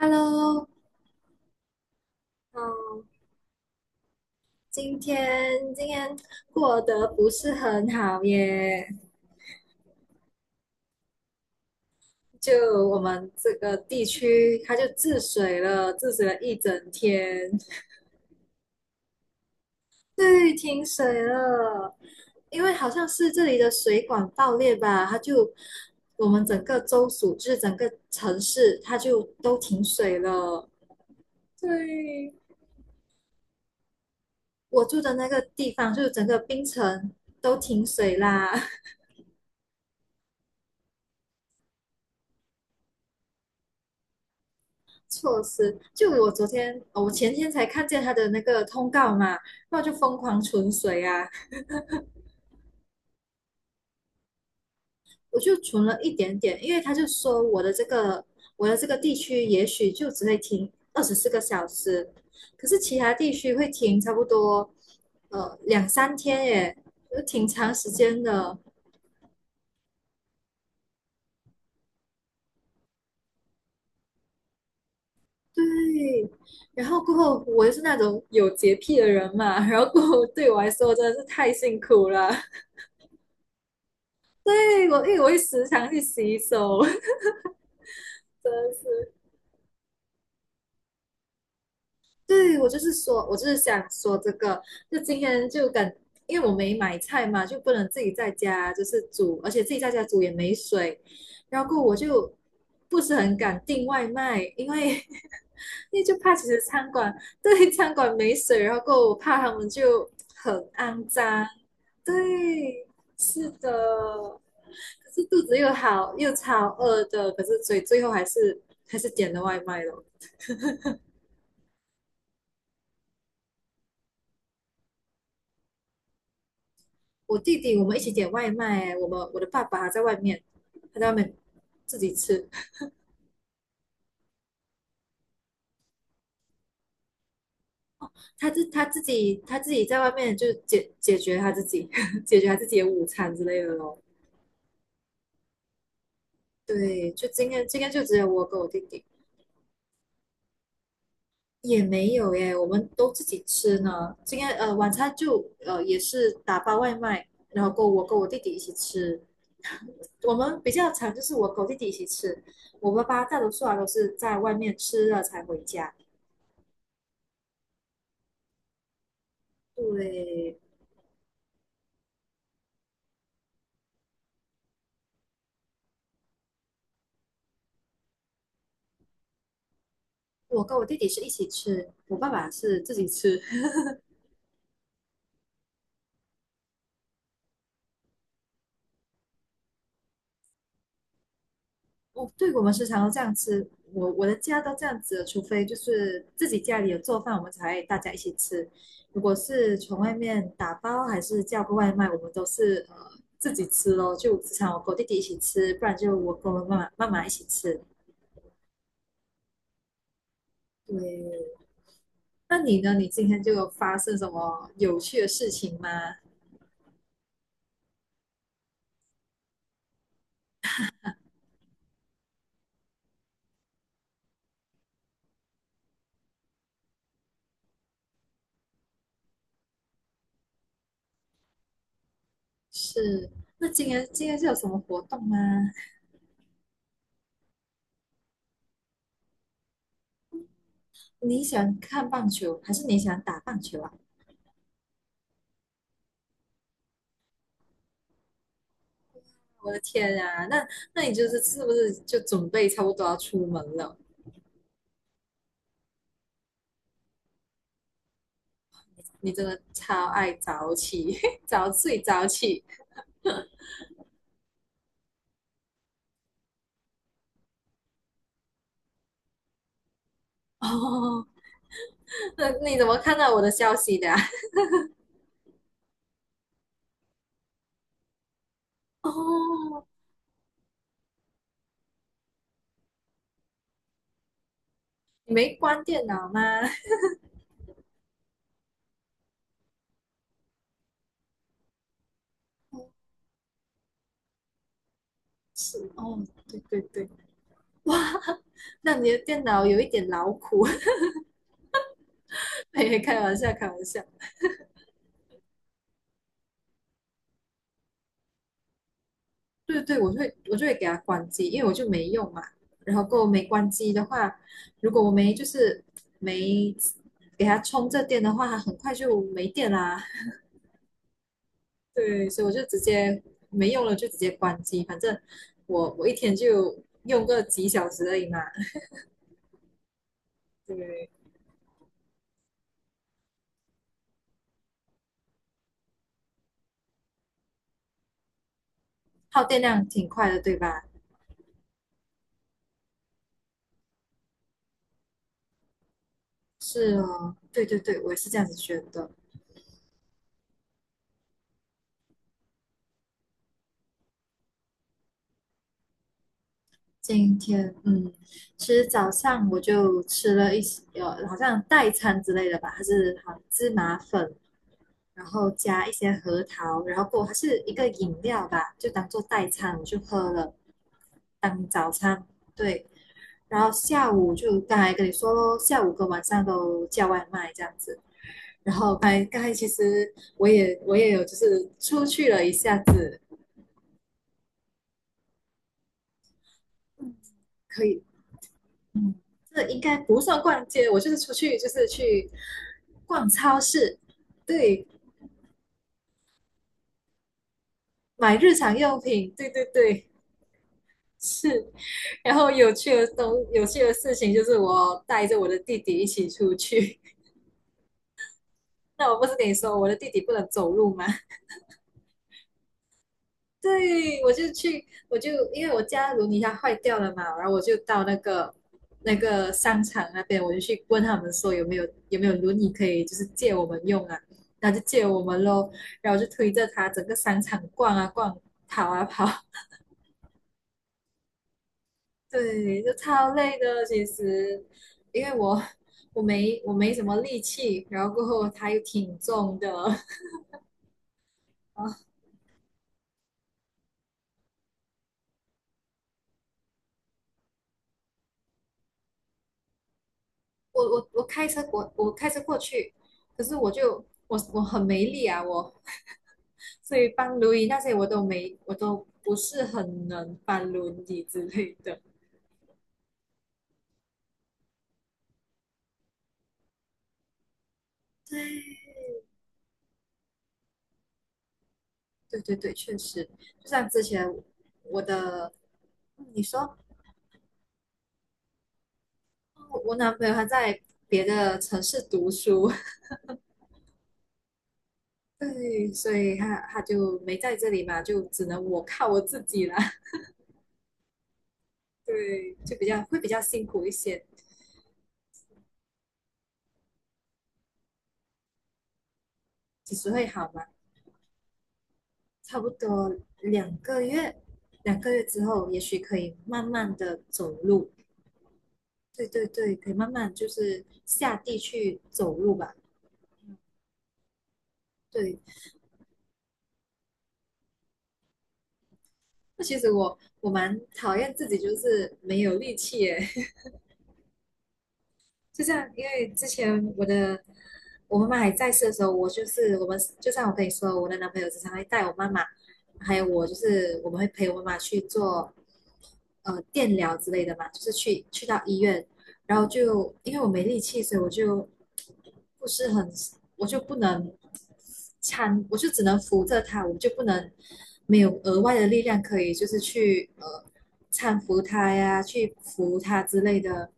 Hello，嗯，今天过得不是很好耶。就我们这个地区，它就治水了，治水了一整天。对，停水了。因为好像是这里的水管爆裂吧，它就我们整个州属，就是整个城市，它就都停水了。对，我住的那个地方，就是整个冰城都停水啦。措施。就我昨天，哦，我前天才看见他的那个通告嘛，然后就疯狂存水啊。我就存了一点点，因为他就说我的这个地区也许就只会停24个小时，可是其他地区会停差不多两三天耶，就挺长时间的。对，然后过后我又是那种有洁癖的人嘛，然后过后对我来说真的是太辛苦了。对，因为我会时常去洗手。真是对我就是说，我就是想说这个，就今天就感。因为我没买菜嘛，就不能自己在家就是煮，而且自己在家煮也没水，然后过我就不是很敢订外卖，因为 因为就怕其实餐馆对餐馆没水，然后过我怕他们就很肮脏。对，是的。可是肚子又好又超饿的，可是所以最后还是点了外卖了。我弟弟我们一起点外卖，我的爸爸还在外面，他在外面自己吃。他自己在外面就解决他自己 解决他自己的午餐之类的咯。对，就今天就只有我跟我弟弟，也没有耶，我们都自己吃呢。今天晚餐就也是打包外卖，然后跟我弟弟一起吃。我们比较常就是我跟我弟弟一起吃，我爸爸大多数啊都是在外面吃了才回家。对，我跟我弟弟是一起吃，我爸爸是自己吃。哦，对，我们时常都这样吃。我的家都这样子，除非就是自己家里有做饭，我们才大家一起吃。如果是从外面打包还是叫个外卖，我们都是自己吃咯。就时常我跟我弟弟一起吃，不然就我跟我妈妈一起吃。对。那你呢？你今天就有发生什么有趣的事情吗？是。那今天是有什么活动吗？你喜欢看棒球，还是你喜欢打棒球啊？我的天啊，那你就是是不是就准备差不多要出门了？你真的超爱早起，早睡早起哦。那你怎么看到我的消息的啊？哦，你没关电脑吗？是哦，对对对。那你的电脑有一点劳苦。嘿开玩笑，开玩笑。对对，我就会给它关机，因为我就没用嘛。然后够没关机的话，如果我没就是没给它充这电的话，它很快就没电啦。对，所以我就直接没用了，就直接关机。反正我一天就用个几小时而已嘛。对。耗电量挺快的，对吧？是哦，对对对，我也是这样子觉得。今天，嗯，其实早上我就吃了一些，好像代餐之类的吧，还是好像芝麻粉，然后加一些核桃，然后过还是一个饮料吧，就当做代餐我就喝了，当早餐。对。然后下午就刚才跟你说咯，下午跟晚上都叫外卖这样子。然后刚才其实我也有就是出去了一下子。可以嗯，这应该不算逛街，我就是出去就是去逛超市。对，买日常用品，对对对。是。然后有趣的东，有趣的事情就是我带着我的弟弟一起出去。那我不是跟你说我的弟弟不能走路吗？对，我就去，我就因为我家轮椅它坏掉了嘛，然后我就到那个商场那边，我就去问他们说有没有轮椅可以就是借我们用啊，然后就借我们咯。然后就推着它整个商场逛啊逛，跑啊跑。对，就超累的其实，因为我没什么力气，然后过后它又挺重的 啊，我开车过去。可是我就我我很没力啊。所以搬轮椅那些我都不是很能搬轮椅之类的。对对对，确实。就像之前我的，嗯，你说我男朋友他在别的城市读书。对，所以他就没在这里嘛，就只能我靠我自己啦。对，就比较辛苦一些。几时会好嘛？差不多两个月，两个月之后也许可以慢慢的走路。对对对，可以慢慢就是下地去走路吧。对。那其实我蛮讨厌自己，就是没有力气耶。就像因为之前我妈妈还在世的时候，我就是我们就像我跟你说，我的男朋友经常会带我妈妈，还有我就是我们会陪我妈妈去做电疗之类的嘛，就是去到医院。然后就因为我没力气，所以我就不是很我就不能搀，我就只能扶着她，我就不能没有额外的力量可以就是去搀扶她呀，去扶她之类的。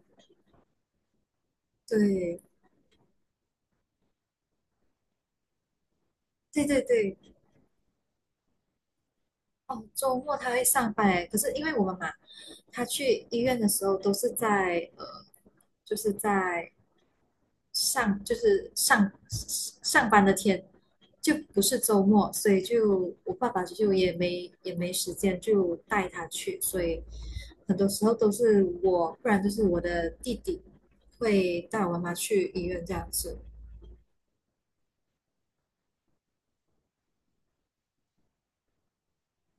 对。对对对。哦，周末他会上班诶。可是因为我们嘛，他去医院的时候都是在就是在上班的天，就不是周末，所以就我爸爸就也没时间就带他去，所以很多时候都是我，不然就是我的弟弟会带我妈妈去医院这样子。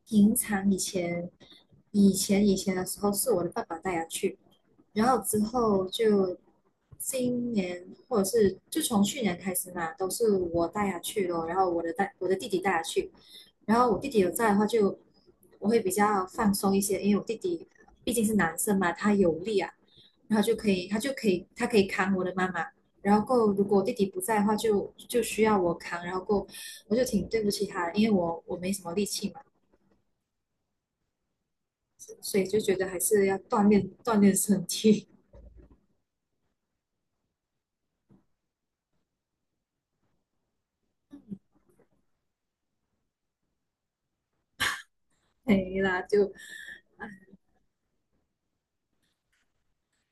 平常以前的时候是我的爸爸带他去，然后之后就今年或者是就从去年开始嘛，都是我带他去咯。然后我的弟弟带他去。然后我弟弟有在的话就我会比较放松一些，因为我弟弟毕竟是男生嘛，他有力啊，然后就可以他就可以他可以扛我的妈妈。然后够，如果我弟弟不在的话就需要我扛。然后够，我就挺对不起他的，因为我没什么力气嘛。所以就觉得还是要锻炼 锻炼身体。没了就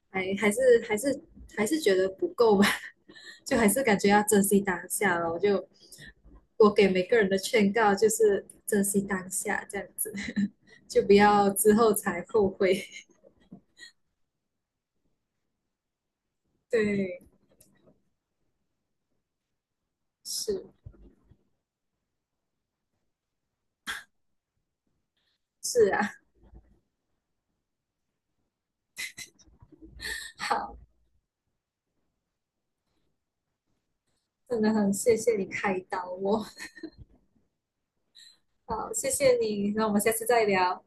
还还是还是还是觉得不够吧，就还是感觉要珍惜当下了。我给每个人的劝告就是珍惜当下，这样子 就不要之后才后悔。对，是是啊。好，真的很谢谢你开导我。好，谢谢你。那我们下次再聊。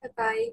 拜拜。